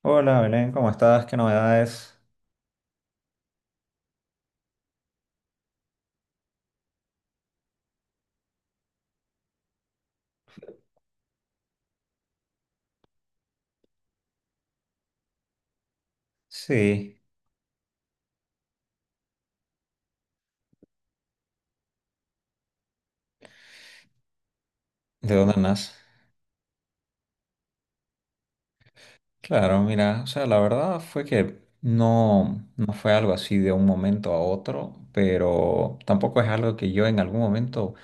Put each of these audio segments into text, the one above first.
Hola Belén, ¿cómo estás? ¿Qué novedades? Sí, ¿de dónde andas? Claro, mira, o sea, la verdad fue que no fue algo así de un momento a otro, pero tampoco es algo que yo en algún momento,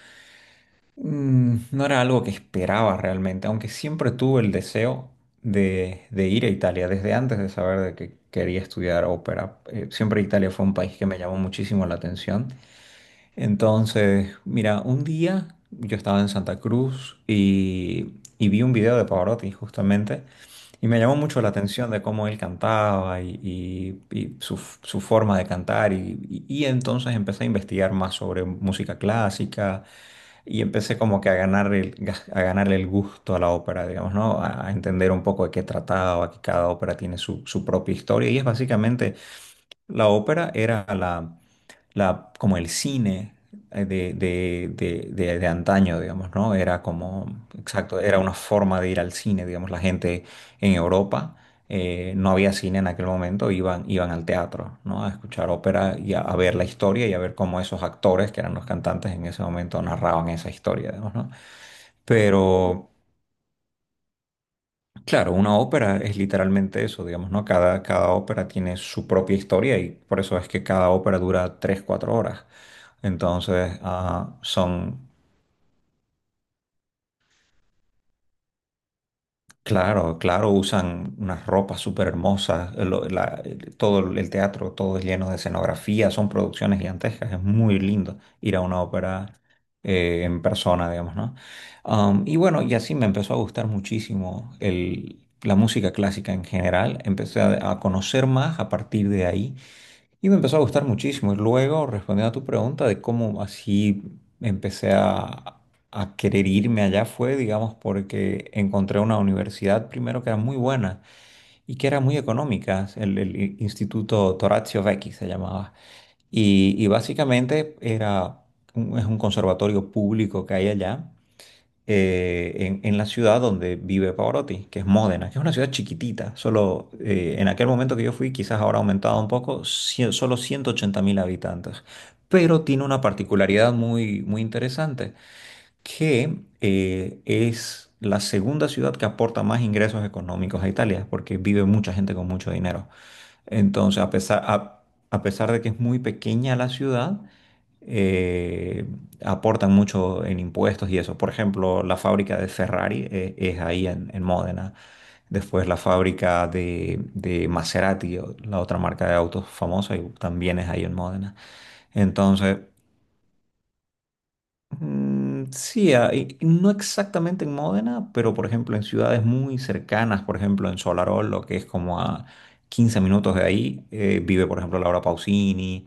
no era algo que esperaba realmente, aunque siempre tuve el deseo de ir a Italia desde antes de saber de que quería estudiar ópera. Siempre Italia fue un país que me llamó muchísimo la atención. Entonces, mira, un día yo estaba en Santa Cruz y vi un video de Pavarotti justamente y me llamó mucho la atención de cómo él cantaba y su forma de cantar y entonces empecé a investigar más sobre música clásica y empecé como que a a ganarle el gusto a la ópera, digamos, ¿no? A entender un poco de qué trataba, que cada ópera tiene su propia historia y es básicamente, la ópera era la, como el cine de antaño, digamos, ¿no? Era como, exacto, era una forma de ir al cine, digamos, la gente en Europa. No había cine en aquel momento, iban al teatro, ¿no? A escuchar ópera y a ver la historia y a ver cómo esos actores, que eran los cantantes en ese momento, narraban esa historia, digamos, ¿no? Pero Claro, una ópera es literalmente eso, digamos, ¿no? Cada ópera tiene su propia historia y por eso es que cada ópera dura 3 4 horas. Entonces, son claro, claro, usan unas ropas súper hermosas, todo el teatro, todo es lleno de escenografía, son producciones gigantescas, es muy lindo ir a una ópera en persona, digamos, ¿no? Y bueno, y así me empezó a gustar muchísimo la música clásica en general, empecé a conocer más a partir de ahí y me empezó a gustar muchísimo. Y luego, respondiendo a tu pregunta de cómo así empecé a, a querer irme allá, fue, digamos, porque encontré una universidad primero que era muy buena y que era muy económica. Instituto Torazio Vecchi se llamaba. Y básicamente era es un conservatorio público que hay allá, en la ciudad donde vive Pavarotti, que es Módena, que es una ciudad chiquitita, solo, en aquel momento que yo fui, quizás ahora ha aumentado un poco, solo 180 mil habitantes, pero tiene una particularidad muy, muy interesante, que es la segunda ciudad que aporta más ingresos económicos a Italia, porque vive mucha gente con mucho dinero. Entonces, a pesar de que es muy pequeña la ciudad, eh, aportan mucho en impuestos y eso. Por ejemplo, la fábrica de Ferrari es ahí en Módena. Después la fábrica de Maserati, la otra marca de autos famosa, y también es ahí en Módena. Entonces, mm, sí, ah, y no exactamente en Módena, pero por ejemplo en ciudades muy cercanas, por ejemplo en Solarol, lo que es como a 15 minutos de ahí, vive por ejemplo Laura Pausini,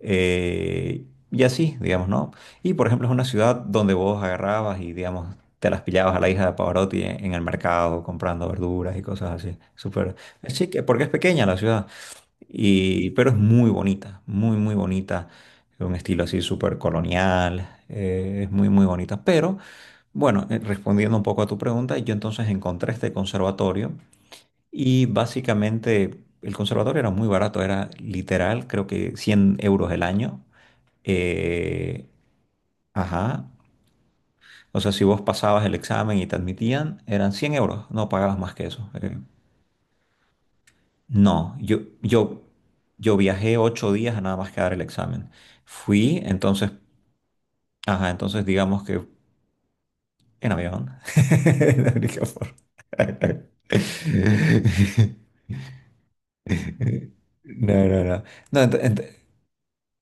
eh, y así, digamos, ¿no? Y por ejemplo es una ciudad donde vos agarrabas y, digamos, te las pillabas a la hija de Pavarotti en el mercado comprando verduras y cosas así. Súper, es chique, porque es pequeña la ciudad. Y, pero es muy bonita, muy, muy bonita. Un estilo así súper colonial. Es muy, muy bonita. Pero bueno, respondiendo un poco a tu pregunta, yo entonces encontré este conservatorio y básicamente el conservatorio era muy barato, era literal, creo que 100 euros el año. Eh, ajá. O sea, si vos pasabas el examen y te admitían, eran 100 euros, no pagabas más que eso. Eh. No, yo viajé 8 días a nada más que dar el examen. Fui, entonces, ajá, entonces digamos que en avión. La única forma. No, no, no. No, ent- ent-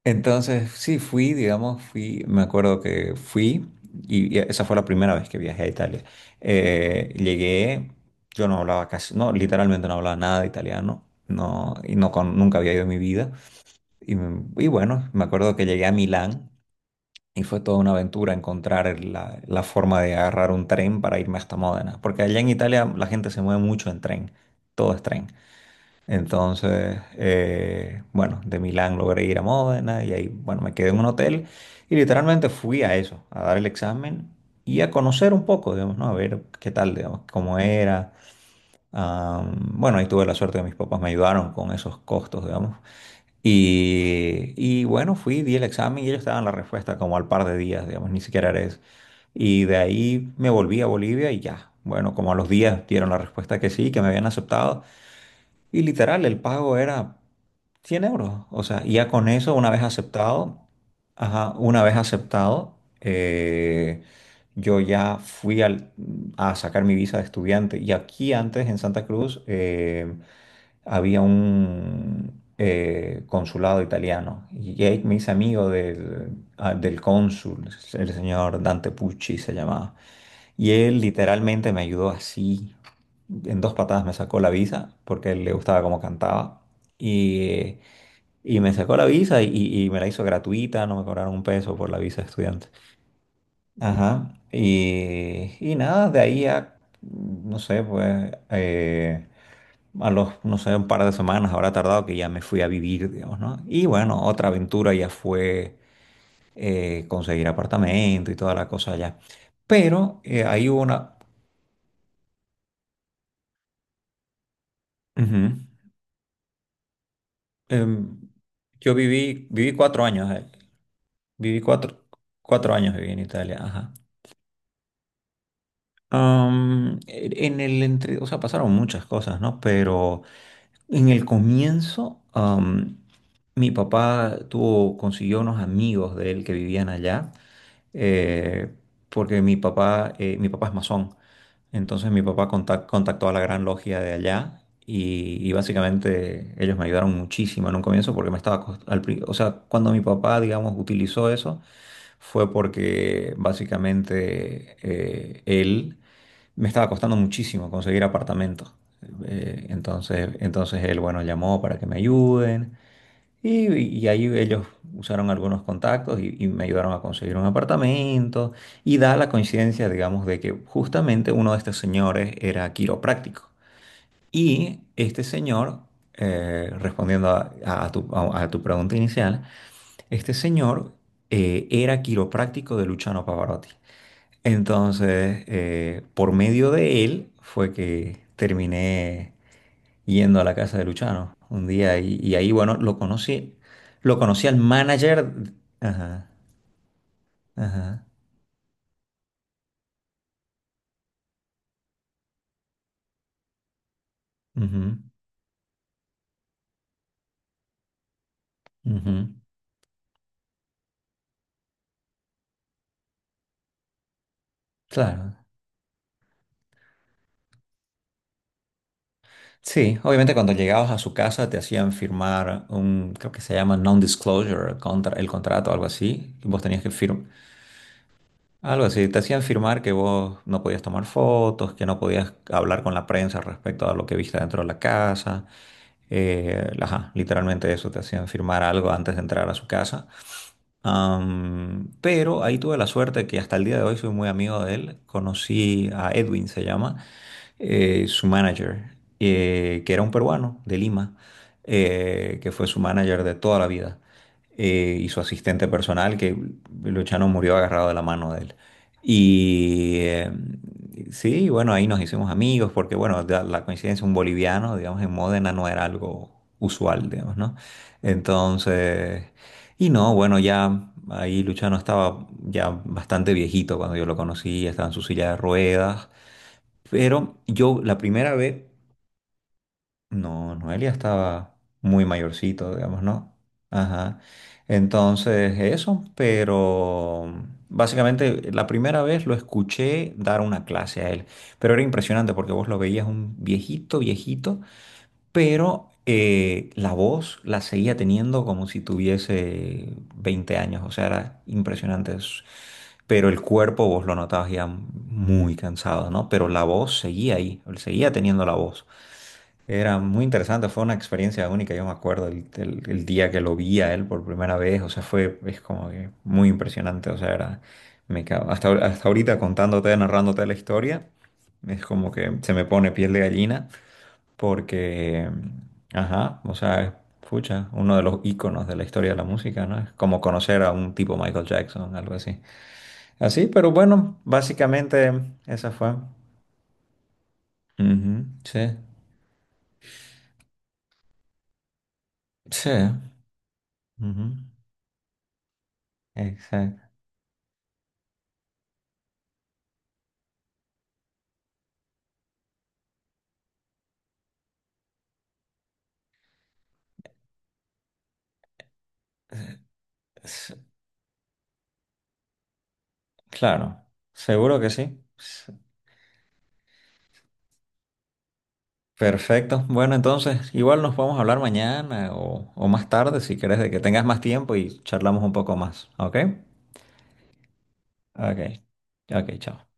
entonces sí fui, digamos, fui, me acuerdo que fui y esa fue la primera vez que viajé a Italia. Llegué, yo no hablaba casi, no, literalmente no hablaba nada de italiano, no, y nunca había ido en mi vida. Y, y bueno, me acuerdo que llegué a Milán y fue toda una aventura encontrar la forma de agarrar un tren para irme hasta Módena, porque allá en Italia la gente se mueve mucho en tren, todo es tren. Entonces, bueno, de Milán logré ir a Módena y ahí, bueno, me quedé en un hotel y literalmente fui a eso, a dar el examen y a conocer un poco, digamos, ¿no? A ver qué tal, digamos, cómo era. Ah, bueno, ahí tuve la suerte que mis papás me ayudaron con esos costos, digamos. Y bueno, fui, di el examen y ellos estaban la respuesta como al par de días, digamos, ni siquiera era eso. Y de ahí me volví a Bolivia y ya. Bueno, como a los días dieron la respuesta que sí, que me habían aceptado. Y literal, el pago era 100 euros. O sea, y ya con eso, una vez aceptado, ajá, una vez aceptado, eh, yo ya fui a sacar mi visa de estudiante. Y aquí antes, en Santa Cruz, había un, consulado italiano y Jake me hice amigo del, del cónsul, el señor Dante Pucci se llamaba, y él literalmente me ayudó así, en dos patadas me sacó la visa porque a él le gustaba cómo cantaba y, y me sacó la visa y me la hizo gratuita, no me cobraron un peso por la visa de estudiante. Ajá, y nada, no sé, pues... a los, no sé, un par de semanas habrá tardado que ya me fui a vivir, digamos, ¿no? Y bueno, otra aventura ya fue, conseguir apartamento y toda la cosa allá. Pero ahí hubo una... Ujú. Em, yo viví, viví 4 años, viví cuatro, 4 años viví en Italia, ajá. Am, En el entre, o sea, pasaron muchas cosas, ¿no? Pero en el comienzo, mi papá tuvo, consiguió unos amigos de él que vivían allá, eh, porque mi papá es masón. Entonces mi papá contactó a la Gran Logia de allá y básicamente ellos me ayudaron muchísimo en un comienzo porque me estaba, o sea, cuando mi papá, digamos, utilizó eso, fue porque básicamente él me estaba costando muchísimo conseguir apartamento. Entonces él, bueno, llamó para que me ayuden y ahí ellos usaron algunos contactos y me ayudaron a conseguir un apartamento. Y da la coincidencia, digamos, de que justamente uno de estos señores era quiropráctico. Y este señor, respondiendo a tu pregunta inicial, este señor, era quiropráctico de Luciano Pavarotti. Entonces, por medio de él fue que terminé yendo a la casa de Luchano un día y ahí, bueno, lo conocí al manager. Ajá, ajá, ujú, ujú, claro. Sí, obviamente cuando llegabas a su casa te hacían firmar un, creo que se llama non-disclosure, contra, el contrato, algo así, y vos tenías que firmar. Algo así, te hacían firmar que vos no podías tomar fotos, que no podías hablar con la prensa respecto a lo que viste dentro de la casa. Ajá, literalmente eso, te hacían firmar algo antes de entrar a su casa. Pero ahí tuve la suerte que hasta el día de hoy soy muy amigo de él. Conocí a Edwin, se llama, su manager, que era un peruano de Lima, que fue su manager de toda la vida, y su asistente personal, que Luchano murió agarrado de la mano de él. Y sí, bueno, ahí nos hicimos amigos, porque bueno, la coincidencia, un boliviano, digamos, en Módena no era algo usual, digamos, ¿no? Entonces... Y no, bueno, ya ahí Luchano estaba ya bastante viejito cuando yo lo conocí, estaba en su silla de ruedas, pero yo la primera vez, no, Noelia estaba muy mayorcito, digamos, ¿no? Ajá. Entonces, eso, pero básicamente la primera vez lo escuché dar una clase a él, pero era impresionante porque vos lo veías un viejito, viejito, pero la voz la seguía teniendo como si tuviese 20 años, o sea, era impresionante. Es... Pero el cuerpo vos lo notabas ya muy cansado, ¿no? Pero la voz seguía ahí, él seguía teniendo la voz. Era muy interesante, fue una experiencia única, yo me acuerdo el día que lo vi a él por primera vez, o sea, fue, es como que muy impresionante, o sea, era, hasta, hasta ahorita contándote, narrándote la historia, es como que se me pone piel de gallina porque, ajá, o sea, es, pucha, uno de los íconos de la historia de la música, ¿no? Es como conocer a un tipo Michael Jackson, algo así. Así, pero bueno, básicamente esa fue. Ujú, sí, sí, ujú, exacto. S- Claro, seguro que sí. S- Perfecto. Bueno, entonces, igual nos podemos hablar mañana o más tarde si quieres, de que tengas más tiempo y charlamos un poco más, ¿ok? Ok, ok, chao.